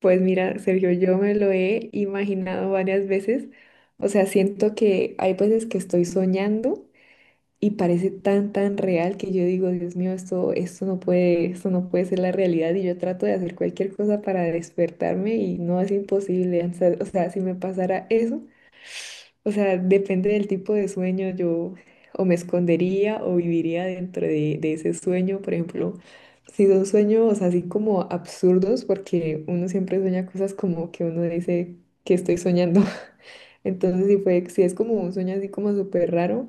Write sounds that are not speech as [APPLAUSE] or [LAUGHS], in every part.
Pues mira, Sergio, yo me lo he imaginado varias veces. O sea, siento que hay veces que estoy soñando y parece tan real que yo digo, Dios mío, esto no puede ser la realidad. Y yo trato de hacer cualquier cosa para despertarme y no es imposible. O sea, si me pasara eso. O sea, depende del tipo de sueño, yo o me escondería o viviría dentro de ese sueño, por ejemplo, si son sueños así como absurdos, porque uno siempre sueña cosas como que uno dice que estoy soñando. [LAUGHS] Entonces, si es como un sueño así como súper raro,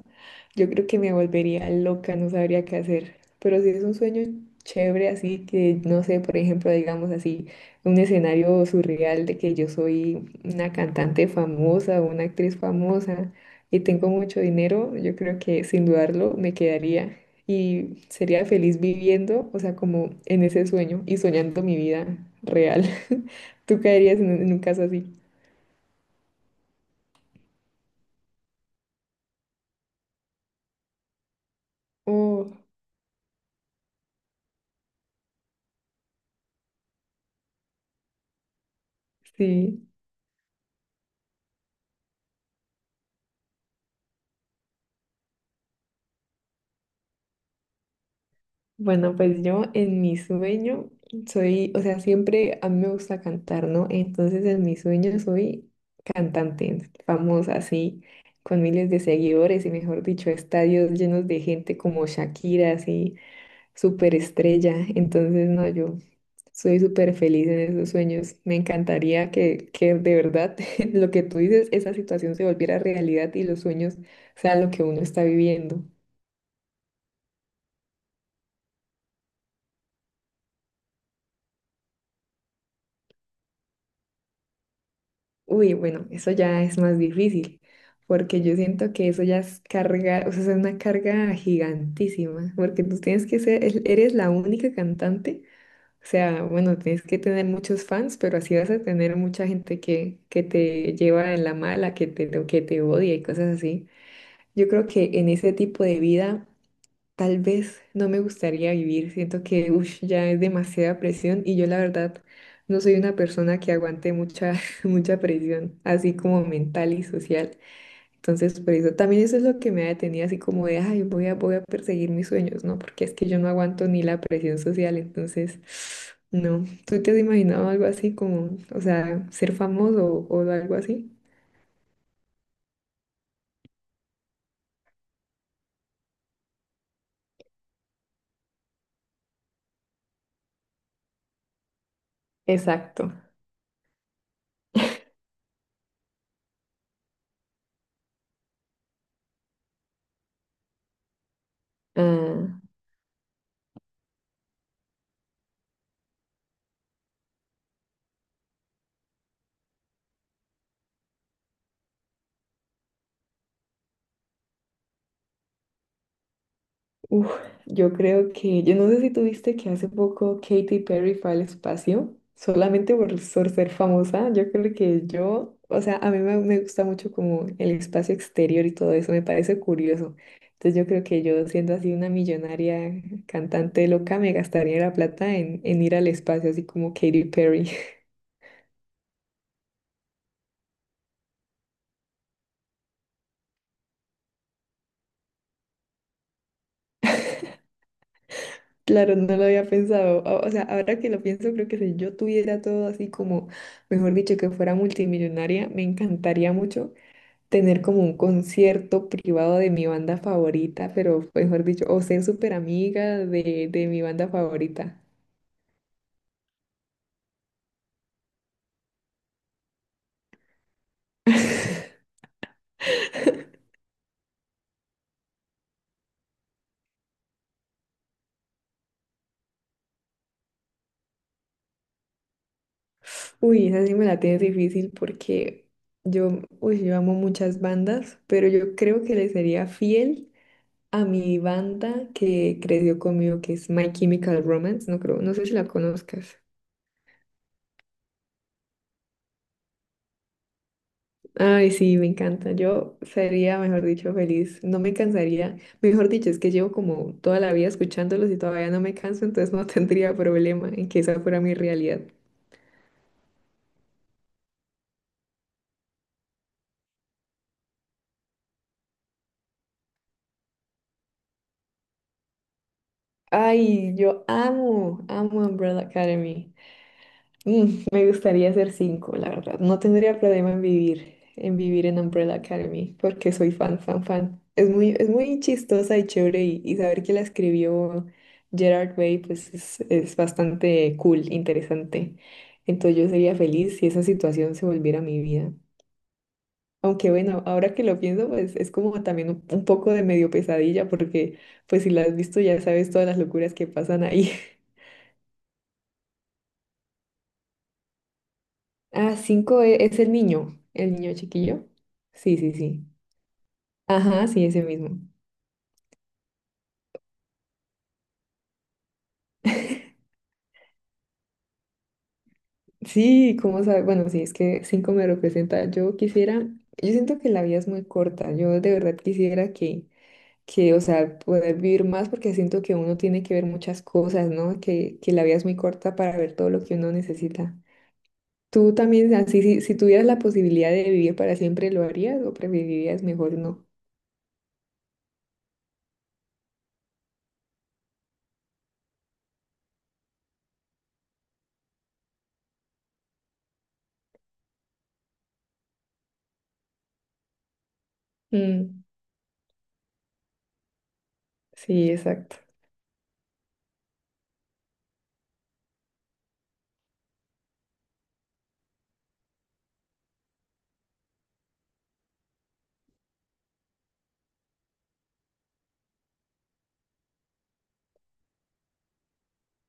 yo creo que me volvería loca, no sabría qué hacer. Pero si es un sueño chévere, así que, no sé, por ejemplo, digamos así, un escenario surreal de que yo soy una cantante famosa o una actriz famosa y tengo mucho dinero, yo creo que sin dudarlo me quedaría y sería feliz viviendo, o sea, como en ese sueño y soñando mi vida real. [LAUGHS] ¿Tú caerías en un caso así? Oh, sí. Bueno, pues yo en mi sueño soy, o sea, siempre a mí me gusta cantar, ¿no? Entonces en mi sueño soy cantante famosa, así, con miles de seguidores y mejor dicho, estadios llenos de gente como Shakira, así, súper estrella. Entonces, no, yo soy súper feliz en esos sueños. Me encantaría que de verdad [LAUGHS] lo que tú dices, esa situación se volviera realidad y los sueños sean lo que uno está viviendo. Uy, bueno, eso ya es más difícil, porque yo siento que eso ya es carga, o sea, es una carga gigantísima, porque tú tienes que ser, eres la única cantante, o sea, bueno, tienes que tener muchos fans, pero así vas a tener mucha gente que te lleva en la mala, que te odia y cosas así. Yo creo que en ese tipo de vida tal vez no me gustaría vivir, siento que ush, ya es demasiada presión y yo la verdad no soy una persona que aguante mucha, [LAUGHS] mucha presión, así como mental y social. Entonces, por eso también eso es lo que me ha detenido, así como de, ay, voy a perseguir mis sueños, ¿no? Porque es que yo no aguanto ni la presión social, entonces, [SIGHS] no. ¿Tú te has imaginado algo así como, o sea, ser famoso o algo así? Exacto. Ah, uf, yo creo que, yo no sé si tuviste que hace poco Katy Perry fue al espacio, solamente por ser famosa, yo creo que yo, o sea, a me gusta mucho como el espacio exterior y todo eso, me parece curioso. Entonces yo creo que yo siendo así una millonaria cantante loca, me gastaría la plata en ir al espacio, así como Katy Perry. [LAUGHS] Claro, no lo había pensado. O sea, ahora que lo pienso, creo que si yo tuviera todo así como, mejor dicho, que fuera multimillonaria, me encantaría mucho tener como un concierto privado de mi banda favorita, pero mejor dicho, o ser súper amiga de mi banda favorita. [LAUGHS] Uy, esa sí me la tienes difícil porque yo, uy, yo amo muchas bandas, pero yo creo que le sería fiel a mi banda que creció conmigo, que es My Chemical Romance. No creo, no sé si la conozcas. Ay, sí, me encanta. Yo sería, mejor dicho, feliz. No me cansaría. Mejor dicho, es que llevo como toda la vida escuchándolos y todavía no me canso, entonces no [LAUGHS] tendría problema en que esa fuera mi realidad. Ay, yo amo, amo Umbrella Academy. Mm, me gustaría hacer cinco, la verdad. No tendría problema en vivir, en vivir en Umbrella Academy, porque soy fan, fan, fan. Es muy chistosa y chévere y saber que la escribió Gerard Way, pues es bastante cool, interesante. Entonces yo sería feliz si esa situación se volviera mi vida. Aunque bueno, ahora que lo pienso, pues es como también un poco de medio pesadilla, porque pues si la has visto ya sabes todas las locuras que pasan ahí. [LAUGHS] Ah, cinco es el niño chiquillo. Sí, sí, sí. Ajá, sí, ese mismo. Sí, ¿cómo sabe? Bueno, sí, es que cinco me representa. Yo quisiera, yo siento que la vida es muy corta. Yo de verdad quisiera que, o sea, poder vivir más porque siento que uno tiene que ver muchas cosas, ¿no? Que la vida es muy corta para ver todo lo que uno necesita. ¿Tú también, así, si tuvieras la posibilidad de vivir para siempre, lo harías o preferirías mejor no? Mm, sí, exacto.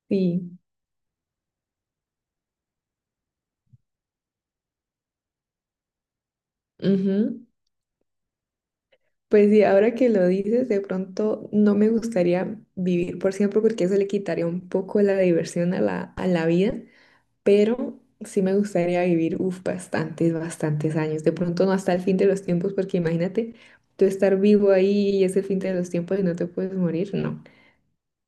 Sí. Ujú. Pues sí, ahora que lo dices, de pronto no me gustaría vivir por siempre porque eso le quitaría un poco la diversión a a la vida, pero sí me gustaría vivir, uf, bastantes, bastantes años. De pronto no hasta el fin de los tiempos porque imagínate tú estar vivo ahí y es el fin de los tiempos y no te puedes morir, no.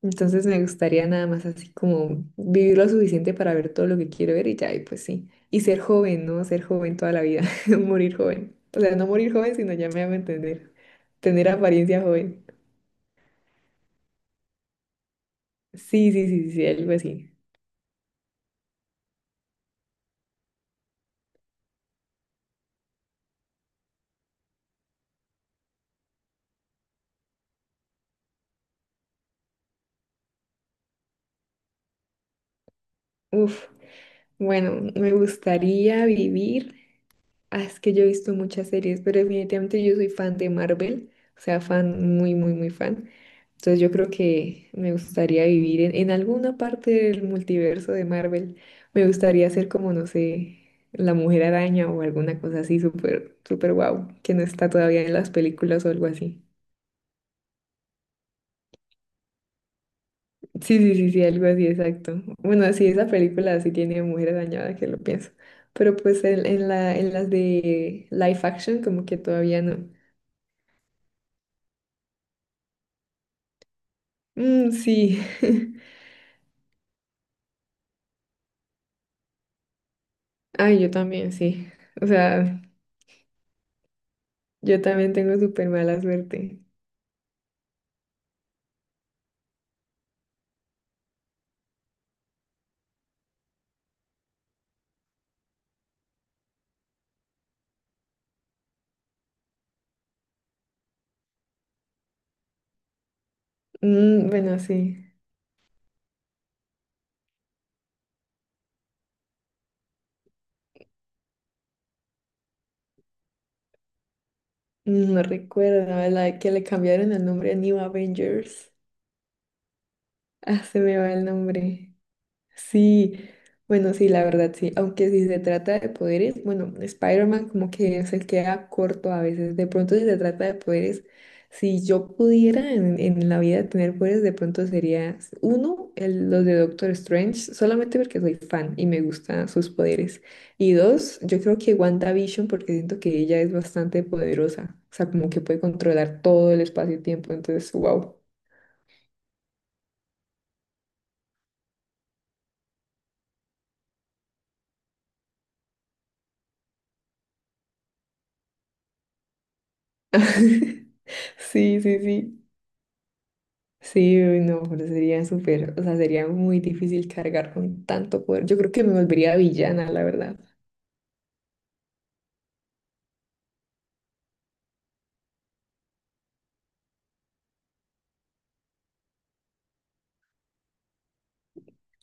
Entonces me gustaría nada más así como vivir lo suficiente para ver todo lo que quiero ver y ya, y pues sí. Y ser joven, ¿no? Ser joven toda la vida, [LAUGHS] morir joven. O sea, no morir joven, sino ya me hago entender, tener apariencia joven. Sí, sí, sí, sí, algo así. Uf, bueno, me gustaría vivir. Ah, es que yo he visto muchas series, pero definitivamente yo soy fan de Marvel, o sea, fan muy, muy, muy fan. Entonces yo creo que me gustaría vivir en alguna parte del multiverso de Marvel. Me gustaría ser como, no sé, la Mujer Araña o alguna cosa así súper, súper guau, que no está todavía en las películas o algo así. Sí, sí, sí, sí, algo así, exacto. Bueno, sí, esa película sí tiene Mujer Araña, que lo pienso. Pero pues en las de live action como que todavía no. Mm, sí. [LAUGHS] Ay, yo también, sí. O sea, yo también tengo súper mala suerte. Mm, bueno, sí. Mm, no recuerdo, la de que le cambiaron el nombre a New Avengers. Ah, se me va el nombre. Sí, bueno, sí, la verdad, sí. Aunque si se trata de poderes, bueno, Spider-Man como que se queda corto a veces. De pronto, si se trata de poderes, si yo pudiera en la vida tener poderes, de pronto sería uno, los de Doctor Strange, solamente porque soy fan y me gustan sus poderes. Y dos, yo creo que WandaVision, porque siento que ella es bastante poderosa. O sea, como que puede controlar todo el espacio y tiempo. Entonces, wow. [LAUGHS] Sí, sí, sí. Sí, uy, no, pero sería súper, o sea, sería muy difícil cargar con tanto poder. Yo creo que me volvería villana, la verdad.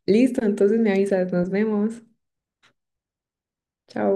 Listo, entonces me avisas, nos vemos. Chao.